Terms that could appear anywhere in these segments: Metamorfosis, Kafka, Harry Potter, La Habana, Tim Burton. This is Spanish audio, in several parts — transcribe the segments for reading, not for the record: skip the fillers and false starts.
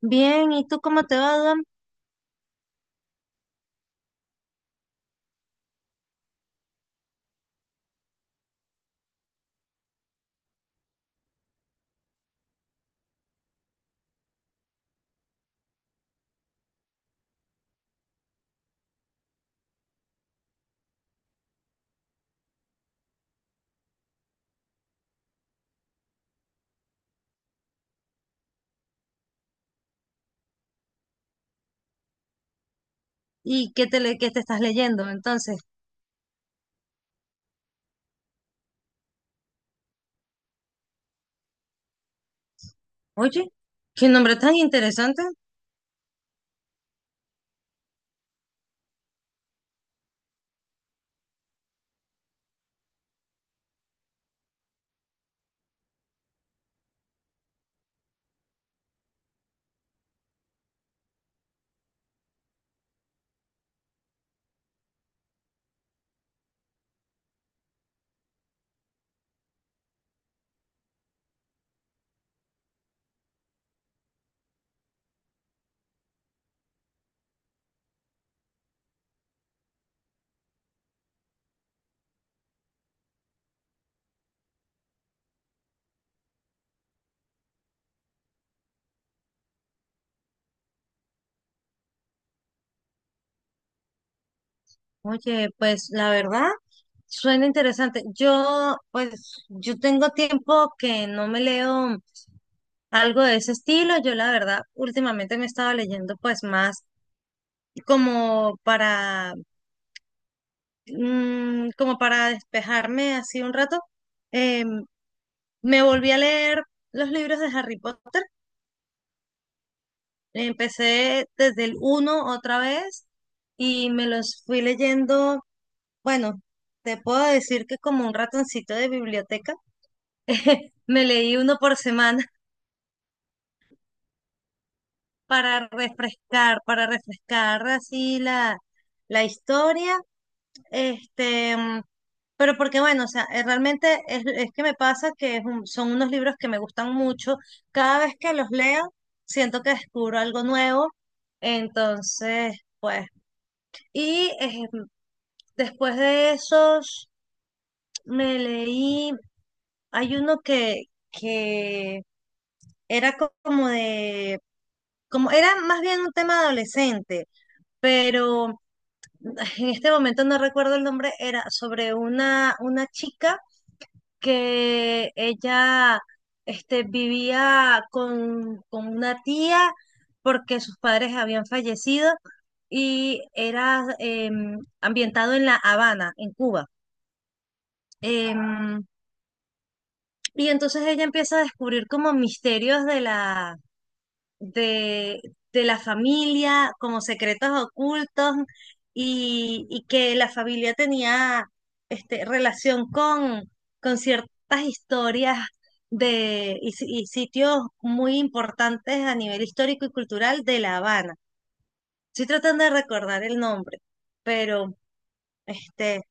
Bien, ¿y tú cómo te va, Adam? ¿Y qué qué te estás leyendo? Entonces, oye, qué nombre tan interesante. Oye, pues la verdad, suena interesante. Yo, pues, yo tengo tiempo que no me leo algo de ese estilo. Yo, la verdad, últimamente me estaba leyendo, pues, más como para, como para despejarme así un rato. Eh, me volví a leer los libros de Harry Potter. Empecé desde el uno otra vez y me los fui leyendo, bueno, te puedo decir que como un ratoncito de biblioteca, me leí uno por semana para refrescar así la, la historia, este, pero porque bueno, o sea, realmente es que me pasa que son unos libros que me gustan mucho, cada vez que los leo siento que descubro algo nuevo, entonces, pues, y después de esos me leí... Hay uno que era como de, como era más bien un tema adolescente, pero ay, en este momento no recuerdo el nombre, era sobre una chica que ella este, vivía con una tía porque sus padres habían fallecido y era ambientado en La Habana, en Cuba. Em, y entonces ella empieza a descubrir como misterios de, de la familia como secretos ocultos y que la familia tenía este, relación con ciertas historias de, y, si- y sitios muy importantes a nivel histórico y cultural de La Habana. Estoy tratando de recordar el nombre, pero este,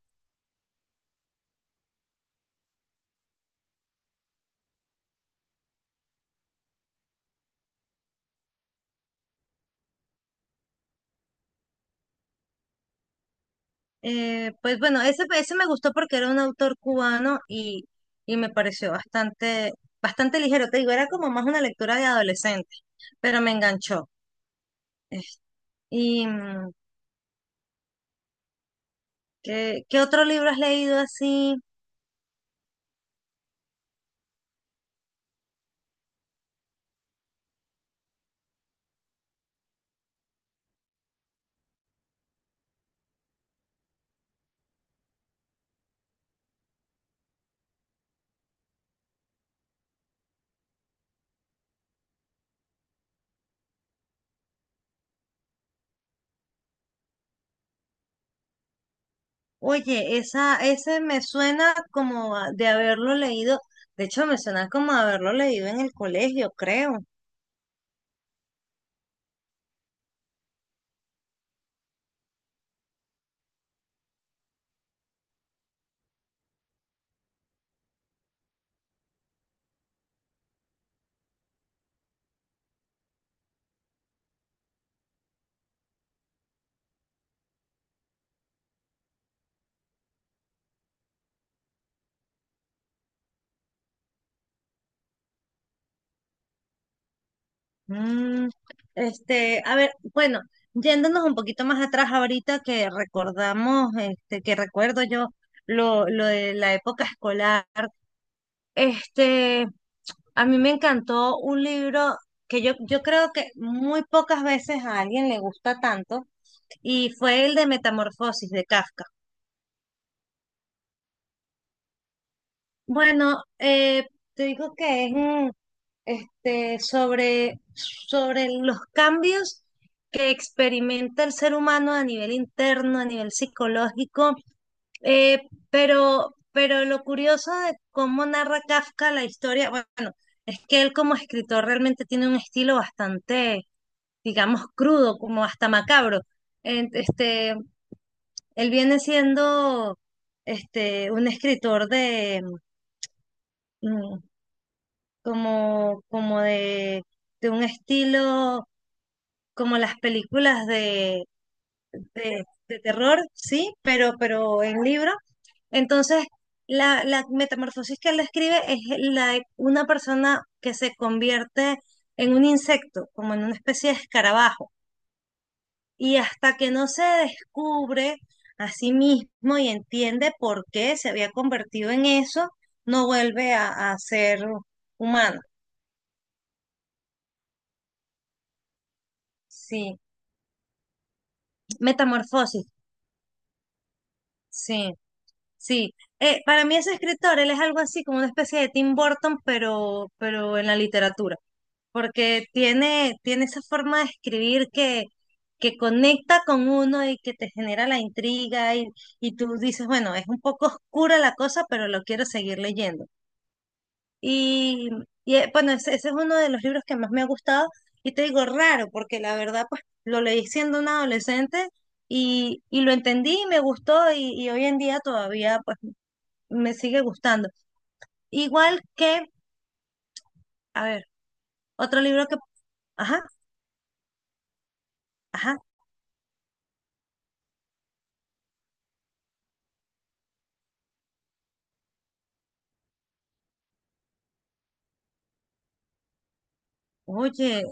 Pues bueno, ese me gustó porque era un autor cubano y me pareció bastante, bastante ligero. Te digo, era como más una lectura de adolescente, pero me enganchó. Es- ¿Y qué, qué otro libro has leído así? Oye, esa, ese me suena de haberlo leído. De hecho, me suena como a haberlo leído en el colegio, creo. Mm, este, a ver, bueno, yéndonos un poquito más atrás ahorita que recordamos, este, que recuerdo yo lo de la época escolar, este, a mí me encantó un libro que yo creo que muy pocas veces a alguien le gusta tanto, y fue el de Metamorfosis de Kafka. Bueno, te digo que es, este, sobre, sobre los cambios que experimenta el ser humano a nivel interno, a nivel psicológico, eh, pero lo curioso de cómo narra Kafka la historia, bueno, es que él como escritor realmente tiene un estilo bastante, digamos, crudo, como hasta macabro. Este, él viene siendo este, un escritor de mm, como, como de un estilo como las películas de, de terror, sí, pero en libro. Entonces, la metamorfosis que él describe es la de una persona que se convierte en un insecto, como en una especie de escarabajo. Y hasta que no se descubre a sí mismo y entiende por qué se había convertido en eso, no vuelve a ser humano. Sí, metamorfosis, sí. Sí, para mí ese escritor, él es algo así como una especie de Tim Burton, pero en la literatura, porque tiene, tiene esa forma de escribir que conecta con uno y que te genera la intriga y tú dices, bueno, es un poco oscura la cosa, pero lo quiero seguir leyendo. Y, bueno, ese es uno de los libros que más me ha gustado y te digo raro, porque la verdad, pues lo leí siendo una adolescente y lo entendí y me gustó y hoy en día todavía, pues me sigue gustando. Igual que, a ver, otro libro que, ajá, ajá, oye,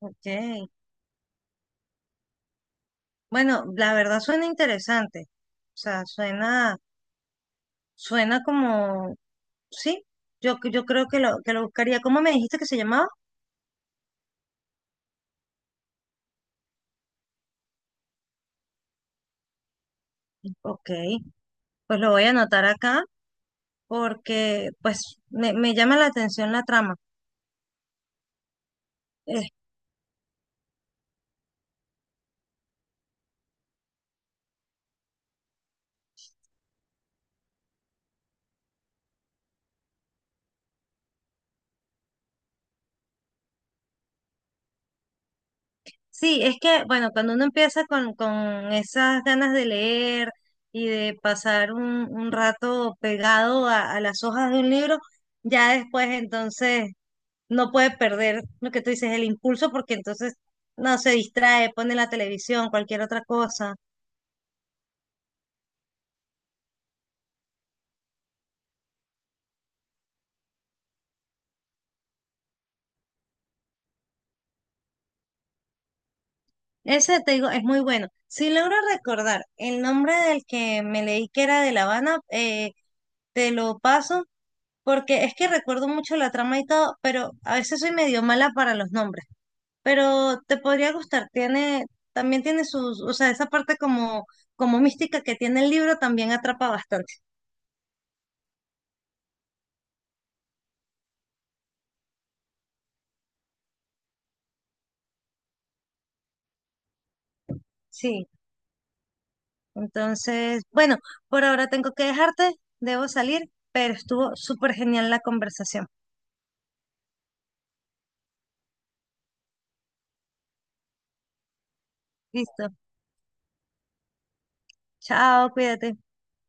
ok. Bueno, la verdad suena interesante. O sea, suena, suena como, sí, yo creo que lo buscaría. ¿Cómo me dijiste que se llamaba? Ok, pues lo voy a anotar acá porque pues me llama la atención la trama. Sí, es que, bueno, cuando uno empieza con esas ganas de leer y de pasar un rato pegado a las hojas de un libro, ya después entonces no puede perder lo que tú dices, el impulso, porque entonces no se distrae, pone la televisión, cualquier otra cosa. Ese, te digo, es muy bueno. Si logro recordar el nombre del que me leí que era de La Habana, te lo paso, porque es que recuerdo mucho la trama y todo, pero a veces soy medio mala para los nombres. Pero te podría gustar. Tiene, también tiene sus, o sea, esa parte como, como mística que tiene el libro también atrapa bastante. Sí, entonces, bueno, por ahora tengo que dejarte, debo salir, pero estuvo súper genial la conversación. Listo, chao, cuídate.